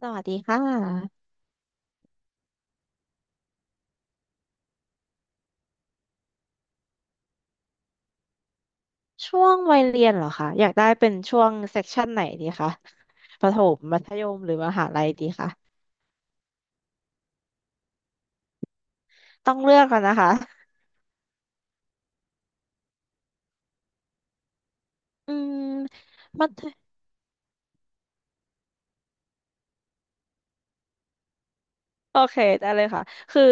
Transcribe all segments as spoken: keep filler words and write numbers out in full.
สวัสดีค่ะ ช่วงวัยเรียนเหรอคะอยากได้เป็นช่วงเซกชันไหนดีคะประถมมัธยม หรือมหาลัยดีคะต้องเลือกกันนะคะอืมมัธ โอเคได้เลยค่ะคือ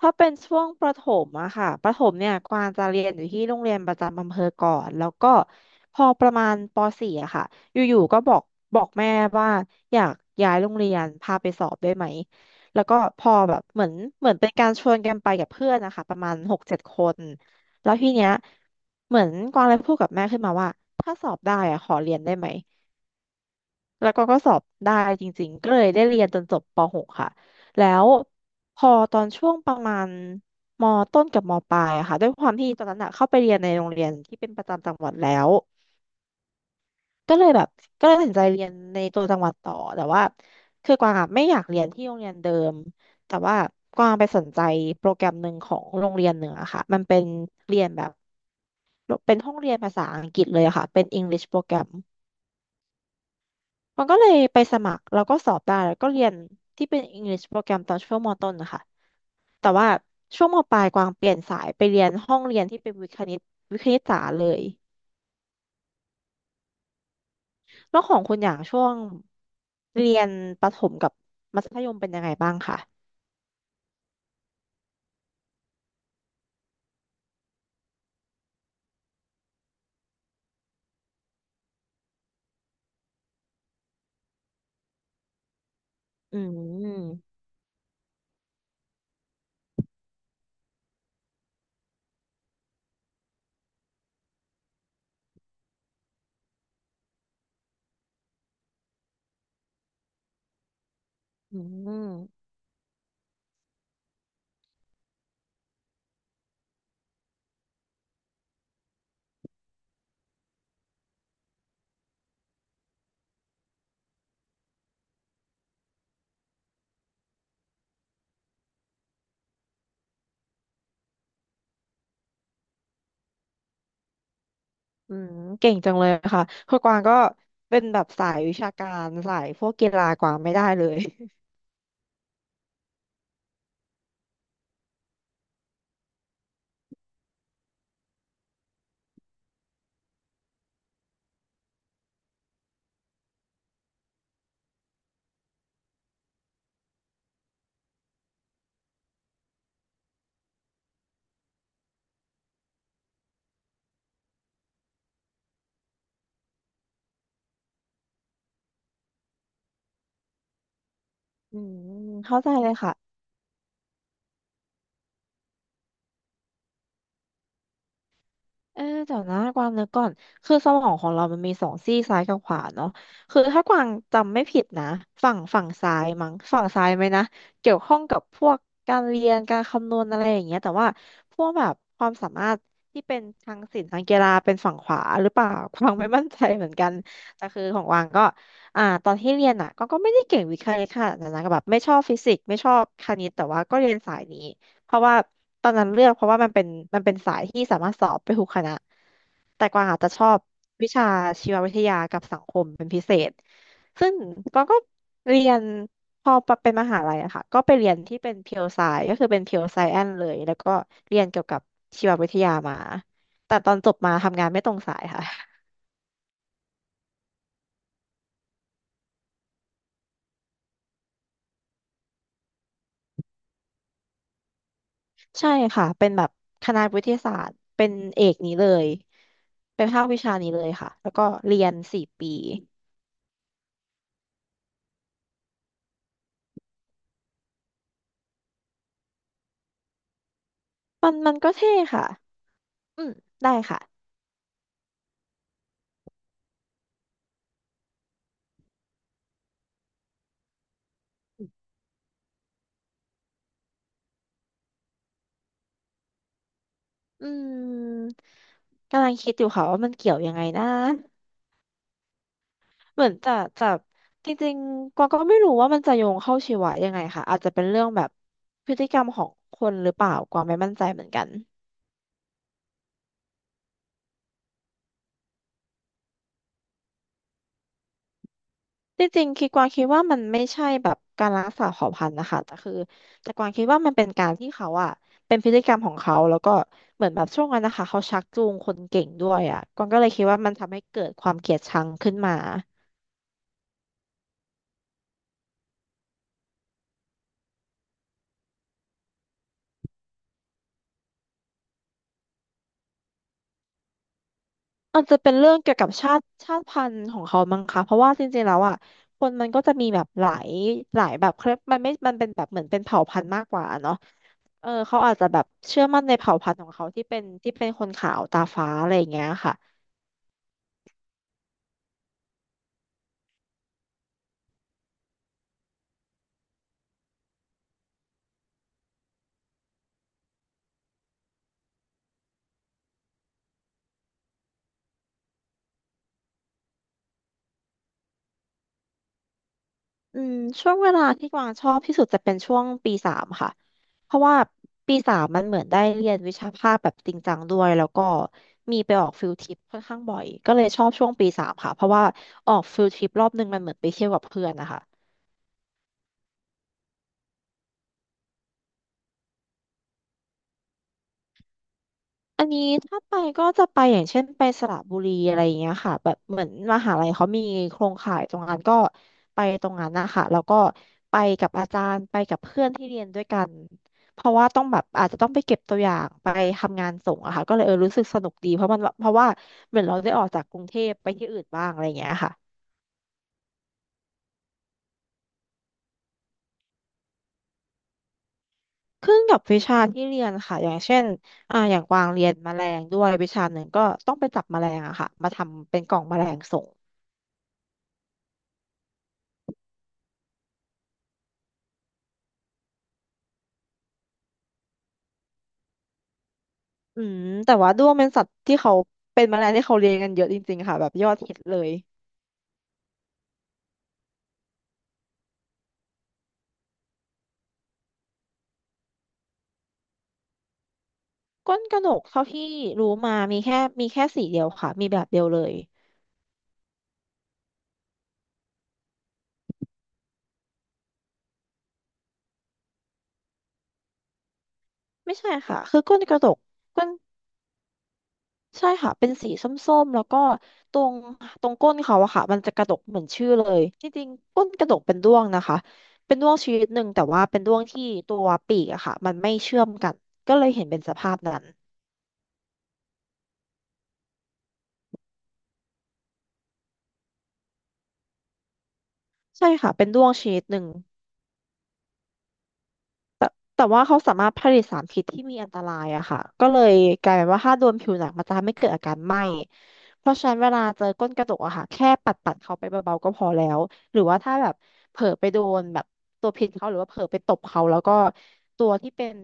ถ้าเป็นช่วงประถมอะค่ะประถมเนี่ยกวางจะเรียนอยู่ที่โรงเรียนประจำอำเภอก่อนแล้วก็พอประมาณป .สี่ อะค่ะอยู่ๆก็บอกบอกแม่ว่าอยากย้ายโรงเรียนพาไปสอบได้ไหมแล้วก็พอแบบเหมือนเหมือนเป็นการชวนกันไปกับเพื่อนนะคะประมาณหกเจ็ดคนแล้วทีเนี้ยเหมือนกวางเลยพูดกับแม่ขึ้นมาว่าถ้าสอบได้อะขอเรียนได้ไหม แล้วก็ก็สอบได้จริงๆก็เลยได้เรียนจนจบป .หก ค่ะแล้วพอตอนช่วงประมาณมต้นกับมปลายอะค่ะด้วยความที่ตอนนั้นอะเข้าไปเรียนในโรงเรียนที่เป็นประจำจังหวัดแล้วก็เลยแบบก็เลยตัดสินใจเรียนในตัวจังหวัดต่อแต่ว่าคือกวางอะไม่อยากเรียนที่โรงเรียนเดิมแต่ว่ากวางไปสนใจโปรแกรมหนึ่งของโรงเรียนหนึ่งอะค่ะมันเป็นเรียนแบบเป็นห้องเรียนภาษาอังกฤษเลยอะค่ะเป็น English โปรแกรม มันก็เลยไปสมัครแล้วก็สอบได้แล้วก็เรียนที่เป็น English โปรแกรมตอนช่วงมต้นนะคะแต่ว่าช่วงมปลายกวางเปลี่ยนสายไปเรียนห้องเรียนที่เป็นวิทย์คณิตวิทย์คณิตศาสตร์เลยแล้วของคุณอย่างช่วงเรียนประถมกับมัธยมเป็นยังไงบ้างคะอืมอืมอืมเก่งจังเลยค่ะคือกวางก็เป็นแบบสายวิชาการสายพวกกีฬากวางไม่ได้เลยอืมเข้าใจเลยค่ะ เออเดี๋ยวนะกวางนึกก่อนคือสมองของเรามันมีสองซี่ซ้ายกับขวาเนาะคือถ้ากวางจำไม่ผิดนะฝั่งฝั่งซ้ายมั้งฝั่งซ้ายไหมนะเกี่ยวข้องกับพวกการเรียนการคำนวณอะไรอย่างเงี้ยแต่ว่าพวกแบบความสามารถที่เป็นทางศิลป์ทางกีฬาเป็นฝั่งขวาหรือเปล่ากวางไม่มั่นใจเหมือนกันแต่คือของกวางก็อ่าตอนที่เรียนอ่ะก็ก็ไม่ได้เก่งวิทย์คณิตค่ะนันนะก็แบบไม่ชอบฟิสิกส์ไม่ชอบคณิตแต่ว่าก็เรียนสายนี้ เพราะว่าตอนนั้นเลือกเพราะว่ามันเป็นมันเป็นสายที่สามารถสอบไปทุกคณะแต่กวางอาจจะชอบวิชาชีววิทยากับสังคมเป็นพิเศษซึ่งกวางก็เรียนพอเป็นมหาลัยอะค่ะก็ไปเรียนที่เป็นเพียวไซก็คือเป็นเพียวไซแอนเลยแล้วก็เรียนเกี่ยวกับชีววิทยามาแต่ตอนจบมาทำงานไม่ตรงสายค่ะ ใช่ค่ะเป็นแบบคณะวิทยาศาสตร์เป็นเอกนี้เลยเป็นภาควิชานี้เลยค่ะแล้วก็เรียนสี่ปีมันมันก็เท่ค่ะ อืมได้ค่ะอืมกำลังคิดอยู่ค่ะว่ามันเกี่ยวยังไงนะเหมือนจะจะจริงๆกวางก็ไม่รู้ว่ามันจะโยงเข้าชีวะยังไงค่ะอาจจะเป็นเรื่องแบบพฤติกรรมของคนหรือเปล่ากวางไม่มั่นใจเหมือนกันจริงๆคิดกวางคิดว่ามันไม่ใช่แบบการรักษาเผ่าพันธุ์นะคะแต่คือแต่กวางคิดว่ามันเป็นการที่เขาอะเป็นพฤติกรรมของเขาแล้วก็เหมือนแบบช่วงนั้นนะคะเขาชักจูงคนเก่งด้วยอะกวางก็เลยคิดว่ามันทำให้เกิดความเกลียดชังขึ้นมา อาจจะเป็นเรื่องเกี่ยวกับชาติชาติพันธุ์ของเขามั้งคะเพราะว่าจริงๆแล้วอ่ะคนมันก็จะมีแบบหลายหลายแบบเครยมันไม่มันเป็นแบบเหมือนเป็นเผ่าพันธุ์มากกว่าเนาะเออเขาอาจจะแบบเชื่อมั่นในเผ่าพันธุ์ของเขาที่เป็นที่เป็นคนขาวตาฟ้าอะไรอย่างเงี้ยค่ะอืมช่วงเวลาที่กวางชอบที่สุดจะเป็นช่วงปีสามค่ะเพราะว่าปีสามมันเหมือนได้เรียนวิชาภาคแบบจริงจังด้วยแล้วก็มีไปออกฟิลทริปค่อนข้างบ่อยก็เลยชอบช่วงปีสามค่ะเพราะว่าออกฟิลทริปรอบนึงมันเหมือนไปเที่ยวกับเพื่อนนะคะ อันนี้ถ้าไปก็จะไปอย่างเช่นไปสระบุรีอะไรอย่างเงี้ยค่ะแบบเหมือนมหาลัยเขามีโครงข่ายตรงนั้นก็ไปตรงนั้นนะคะแล้วก็ไปกับอาจารย์ไปกับเพื่อนที่เรียนด้วยกันเพราะว่าต้องแบบอาจจะต้องไปเก็บตัวอย่างไปทำงานส่งอะค่ะก็เลยเออรู้สึกสนุกดีเพราะมันเพราะว่าเหมือนเราได้ออกจากกรุงเทพไปที่อื่นบ้างอะไรอย่างเงี้ยค่ะขึ้นกับวิชาที่เรียนค่ะอย่างเช่นอ่าอย่างกวางเรียนแมลงด้วยวิชาหนึ่งก็ต้องไปจับแมลงอะค่ะมาทำเป็นกล่องแมลงส่ง อืมแต่ว่าด้วงเป็นสัตว์ที่เขาเป็นแมลงที่เขาเลี้ยงกันเยอะจริงๆค่ะแบบยอดฮิตเลยก้นกระหนกเท่าที่รู้มามีแค่มีแค่สีเดียวค่ะมีแบบเดียวเลยไม่ใช่ค่ะคือก้นกระดกก้นใช่ค่ะเป็นสีส้มๆแล้วก็ตรงตรงก้นเขาอะค่ะมันจะกระดกเหมือนชื่อเลยจริงๆก้นกระดกเป็นด้วงนะคะเป็นด้วงชนิดหนึ่งแต่ว่าเป็นด้วงที่ตัวปีกอะค่ะมันไม่เชื่อมกันก็เลยเห็นเป็นสภาพนั้นใช่ค่ะเป็นด้วงชนิดหนึ่ง แต่แต่ว่าเขาสามารถผลิตสารพิษที่มีอันตรายอะค่ะก็เลยกลายเป็นว่าถ้าโดนผิวหนังมันจะทำให้เกิดอาการไหม้เพราะฉะนั้นเวลาเจอก้นกระจกอะค่ะแค่ปัดปัดเขาไปเบาๆก็พอแล้วหรือว่าถ้าแบบเผลอไปโดนแบบตัวพิษเขาหรือว่าเผลอไปตบเขาแล้วก็ตัวที่เป็น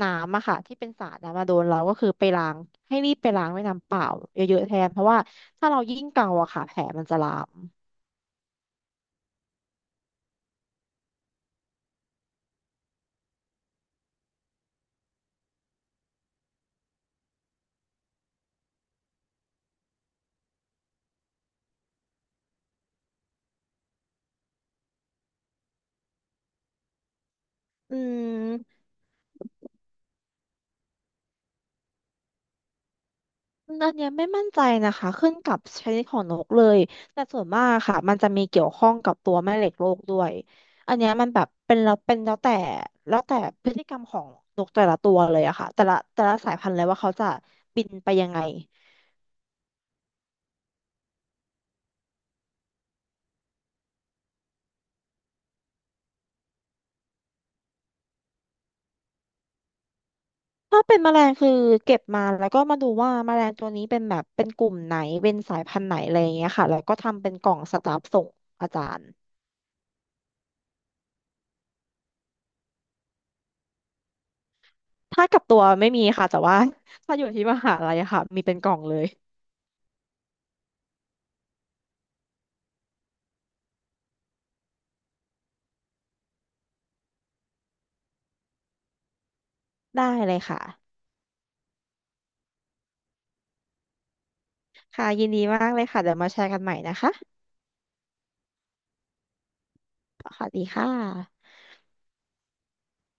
น้ำอะค่ะที่เป็นสารนะมาโดนเราก็คือไปล้างให้รีบไปล้างด้วยน้ำเปล่าเยอะๆแทนเพราะว่าถ้าเรายิ่งเกาอะค่ะแผลมันจะลามอืม อันเนี้ยไม่มั่นใจนะคะขึ้นกับชนิดของนกเลยแต่ส่วนมากค่ะมันจะมีเกี่ยวข้องกับตัวแม่เหล็กโลกด้วยอันเนี้ยมันแบบเป็นแล้วเป็นแล้วแต่แล้วแต่พฤติกรรมของนกแต่ละตัวเลยอะค่ะแต่ละแต่ละสายพันธุ์เลยว่าเขาจะบินไปยังไงถ้าเป็นแมลงคือเก็บมาแล้วก็มาดูว่าแมลงตัวนี้เป็นแบบเป็นกลุ่มไหนเป็นสายพันธุ์ไหนอะไรอย่างเงี้ยค่ะแล้วก็ทำเป็นกล่องสตาฟส่งอาจารย์ถ้ากับตัวไม่มีค่ะแต่ว่า ถ้าอยู่ที่มหาลัยอะค่ะมีเป็นกล่องเลยได้เลยค่ะ ค่ะยินดีมากเลยค่ะเดี๋ยวมาแชร์กันใหม่นะคะสวัสดีค่ะ